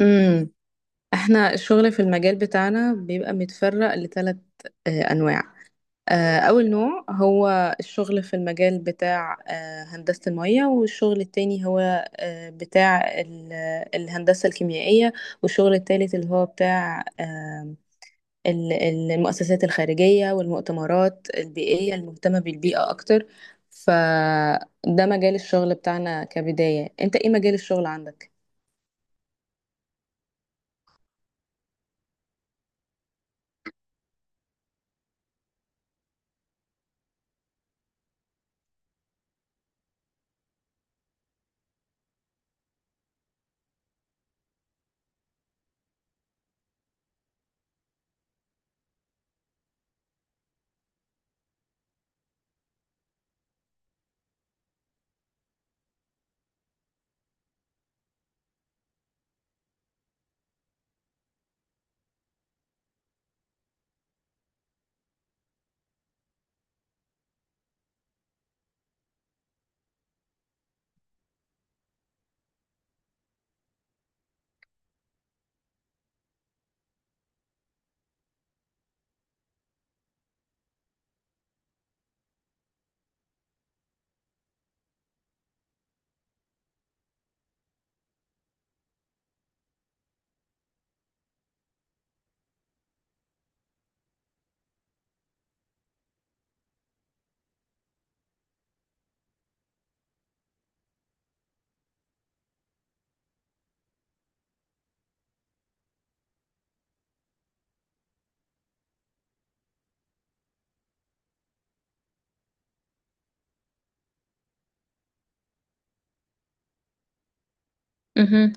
امم احنا الشغل في المجال بتاعنا بيبقى متفرق لثلاث انواع. اول نوع هو الشغل في المجال بتاع هندسة المياه، والشغل التاني هو آه، بتاع ال- الهندسة الكيميائية، والشغل التالت اللي هو بتاع المؤسسات الخارجية والمؤتمرات البيئية المهتمة بالبيئة اكتر. فده مجال الشغل بتاعنا كبداية، انت ايه مجال الشغل عندك؟ امم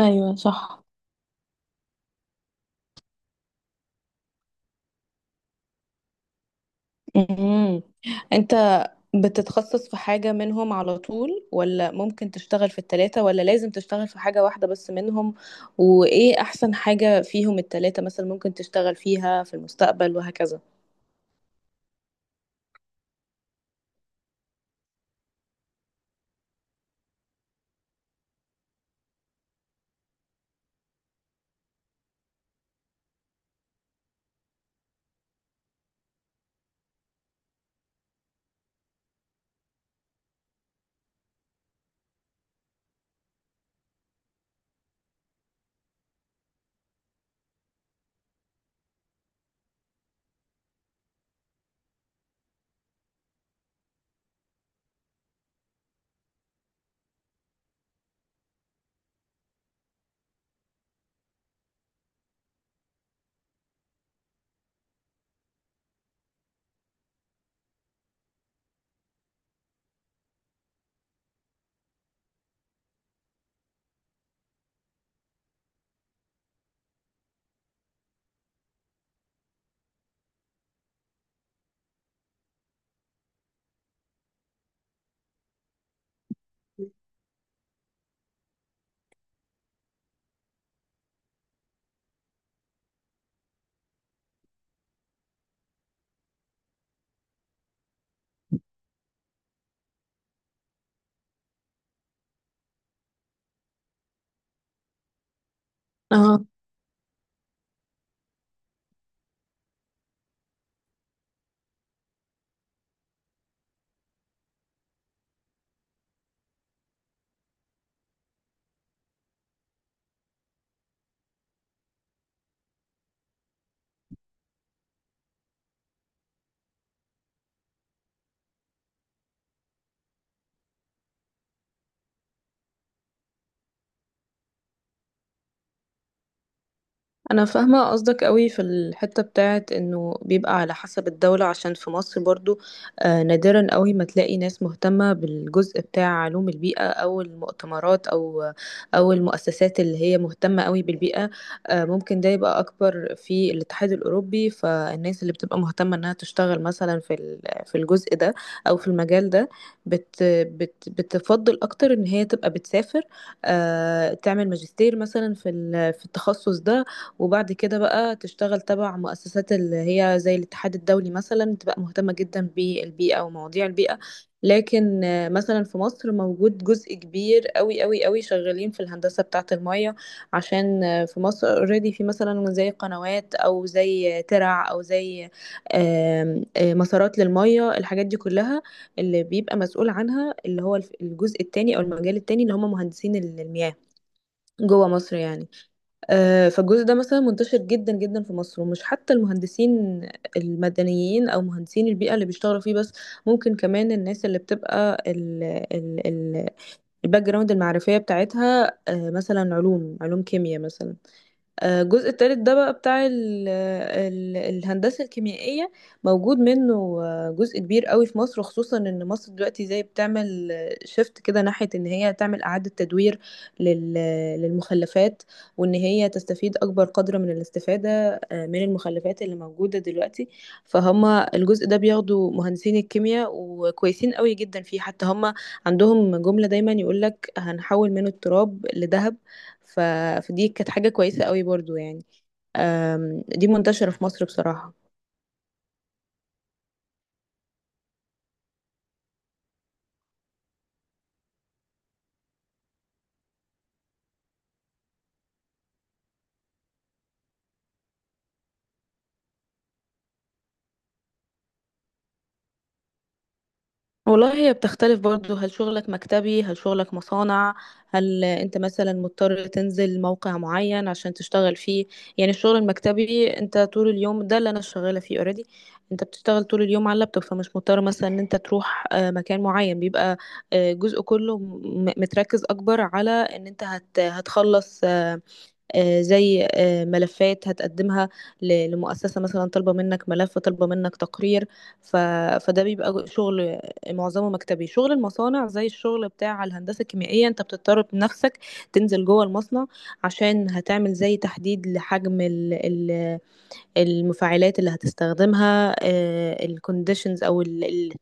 ايوه صح. امم انت بتتخصص في حاجة منهم على طول، ولا ممكن تشتغل في التلاتة، ولا لازم تشتغل في حاجة واحدة بس منهم؟ وايه احسن حاجة فيهم التلاتة مثلا ممكن تشتغل فيها في المستقبل وهكذا؟ انا فاهمه قصدك قوي في الحته بتاعت انه بيبقى على حسب الدوله. عشان في مصر برضو نادرا قوي ما تلاقي ناس مهتمه بالجزء بتاع علوم البيئه، او المؤتمرات، او المؤسسات اللي هي مهتمه قوي بالبيئه. ممكن ده يبقى اكبر في الاتحاد الاوروبي، فالناس اللي بتبقى مهتمه انها تشتغل مثلا في الجزء ده او في المجال ده بت بت بتفضل اكتر ان هي تبقى بتسافر، تعمل ماجستير مثلا في التخصص ده، وبعد كده بقى تشتغل تبع مؤسسات اللي هي زي الاتحاد الدولي، مثلا تبقى مهتمة جدا بالبيئة ومواضيع البيئة. لكن مثلا في مصر موجود جزء كبير قوي قوي قوي شغالين في الهندسة بتاعة المية، عشان في مصر اوريدي في مثلا زي قنوات، او زي ترع، او زي آم، آه، مسارات للمية، الحاجات دي كلها اللي بيبقى مسؤول عنها اللي هو الجزء التاني او المجال التاني اللي هم مهندسين المياه جوه مصر يعني. فالجزء ده مثلا منتشر جدا جدا في مصر، ومش حتى المهندسين المدنيين او مهندسين البيئه اللي بيشتغلوا فيه بس، ممكن كمان الناس اللي بتبقى ال ال ال الباك جراوند المعرفيه بتاعتها مثلا علوم، علوم كيمياء مثلا. الجزء التالت ده بقى بتاع ال ال الهندسة الكيميائية موجود منه جزء كبير قوي في مصر، خصوصا ان مصر دلوقتي زي بتعمل شيفت كده ناحية ان هي تعمل اعادة تدوير لل- للمخلفات، وان هي تستفيد اكبر قدر من الاستفادة من المخلفات اللي موجودة دلوقتي. فهم الجزء ده بياخدوا مهندسين الكيمياء، وكويسين قوي جدا فيه، حتى هم عندهم جملة دايما يقولك هنحول منه التراب لذهب. ف... فدي كانت حاجة كويسة قوي برضو يعني. دي منتشرة في مصر بصراحة. والله هي بتختلف برضو، هل شغلك مكتبي؟ هل شغلك مصانع؟ هل انت مثلا مضطر تنزل موقع معين عشان تشتغل فيه؟ يعني الشغل المكتبي انت طول اليوم، ده اللي انا شغالة فيه اوريدي، انت بتشتغل طول اليوم على اللابتوب، فمش مضطر مثلا ان انت تروح مكان معين. بيبقى جزء كله متركز اكبر على ان انت هتخلص زي ملفات هتقدمها لمؤسسة مثلا طالبة منك ملف، طالبة منك تقرير. ف... فده بيبقى شغل معظمه مكتبي. شغل المصانع زي الشغل بتاع الهندسة الكيميائية، انت بتضطر بنفسك تنزل جوه المصنع، عشان هتعمل زي تحديد لحجم المفاعلات اللي هتستخدمها، الكونديشنز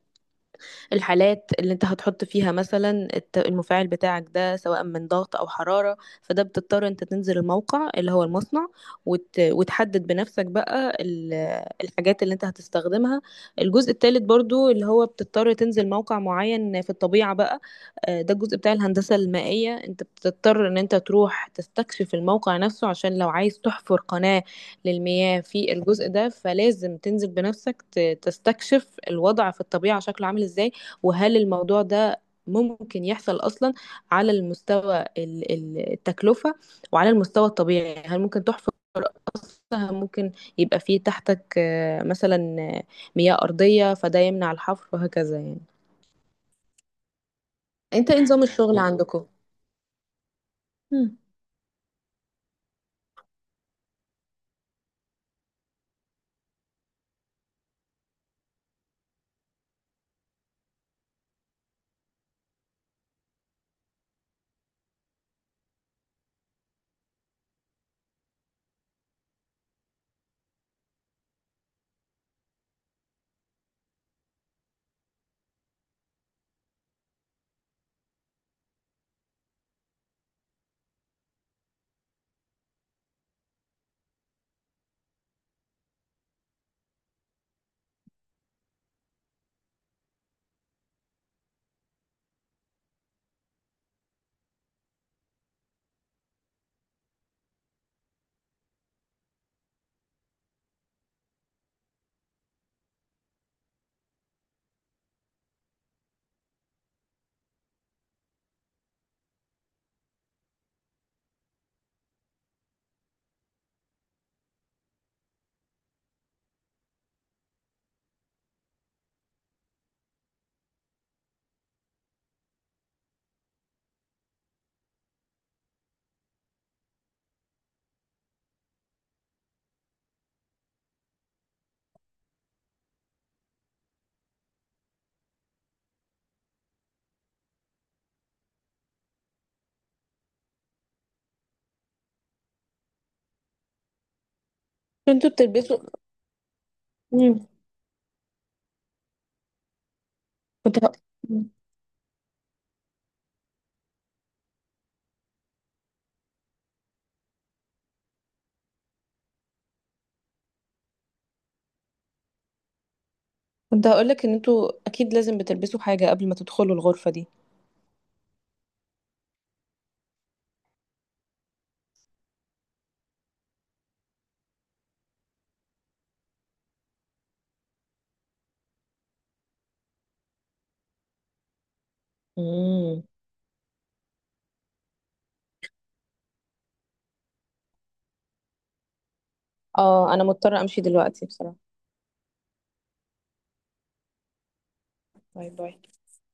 الحالات اللي انت هتحط فيها مثلا المفاعل بتاعك ده، سواء من ضغط او حرارة، فده بتضطر انت تنزل الموقع اللي هو المصنع وتحدد بنفسك بقى الحاجات اللي انت هتستخدمها. الجزء الثالث برضو اللي هو بتضطر تنزل موقع معين في الطبيعة بقى. ده الجزء بتاع الهندسة المائية، انت بتضطر ان انت تروح تستكشف الموقع نفسه، عشان لو عايز تحفر قناة للمياه في الجزء ده، فلازم تنزل بنفسك تستكشف الوضع في الطبيعة شكله عامل ازاي، وهل الموضوع ده ممكن يحصل أصلا على المستوى التكلفة، وعلى المستوى الطبيعي هل ممكن تحفر أصلا، هل ممكن يبقى فيه تحتك آه، مثلا آه، مياه أرضية فده يمنع الحفر وهكذا يعني. انت ايه نظام الشغل عندكم؟ مم. انتوا بتلبسوا؟ مم. كنت ه... مم. كنت هقولك ان انتوا اكيد لازم بتلبسوا حاجة قبل ما تدخلوا الغرفة دي. مم. اه انا مضطرة امشي دلوقتي بصراحة. باي باي.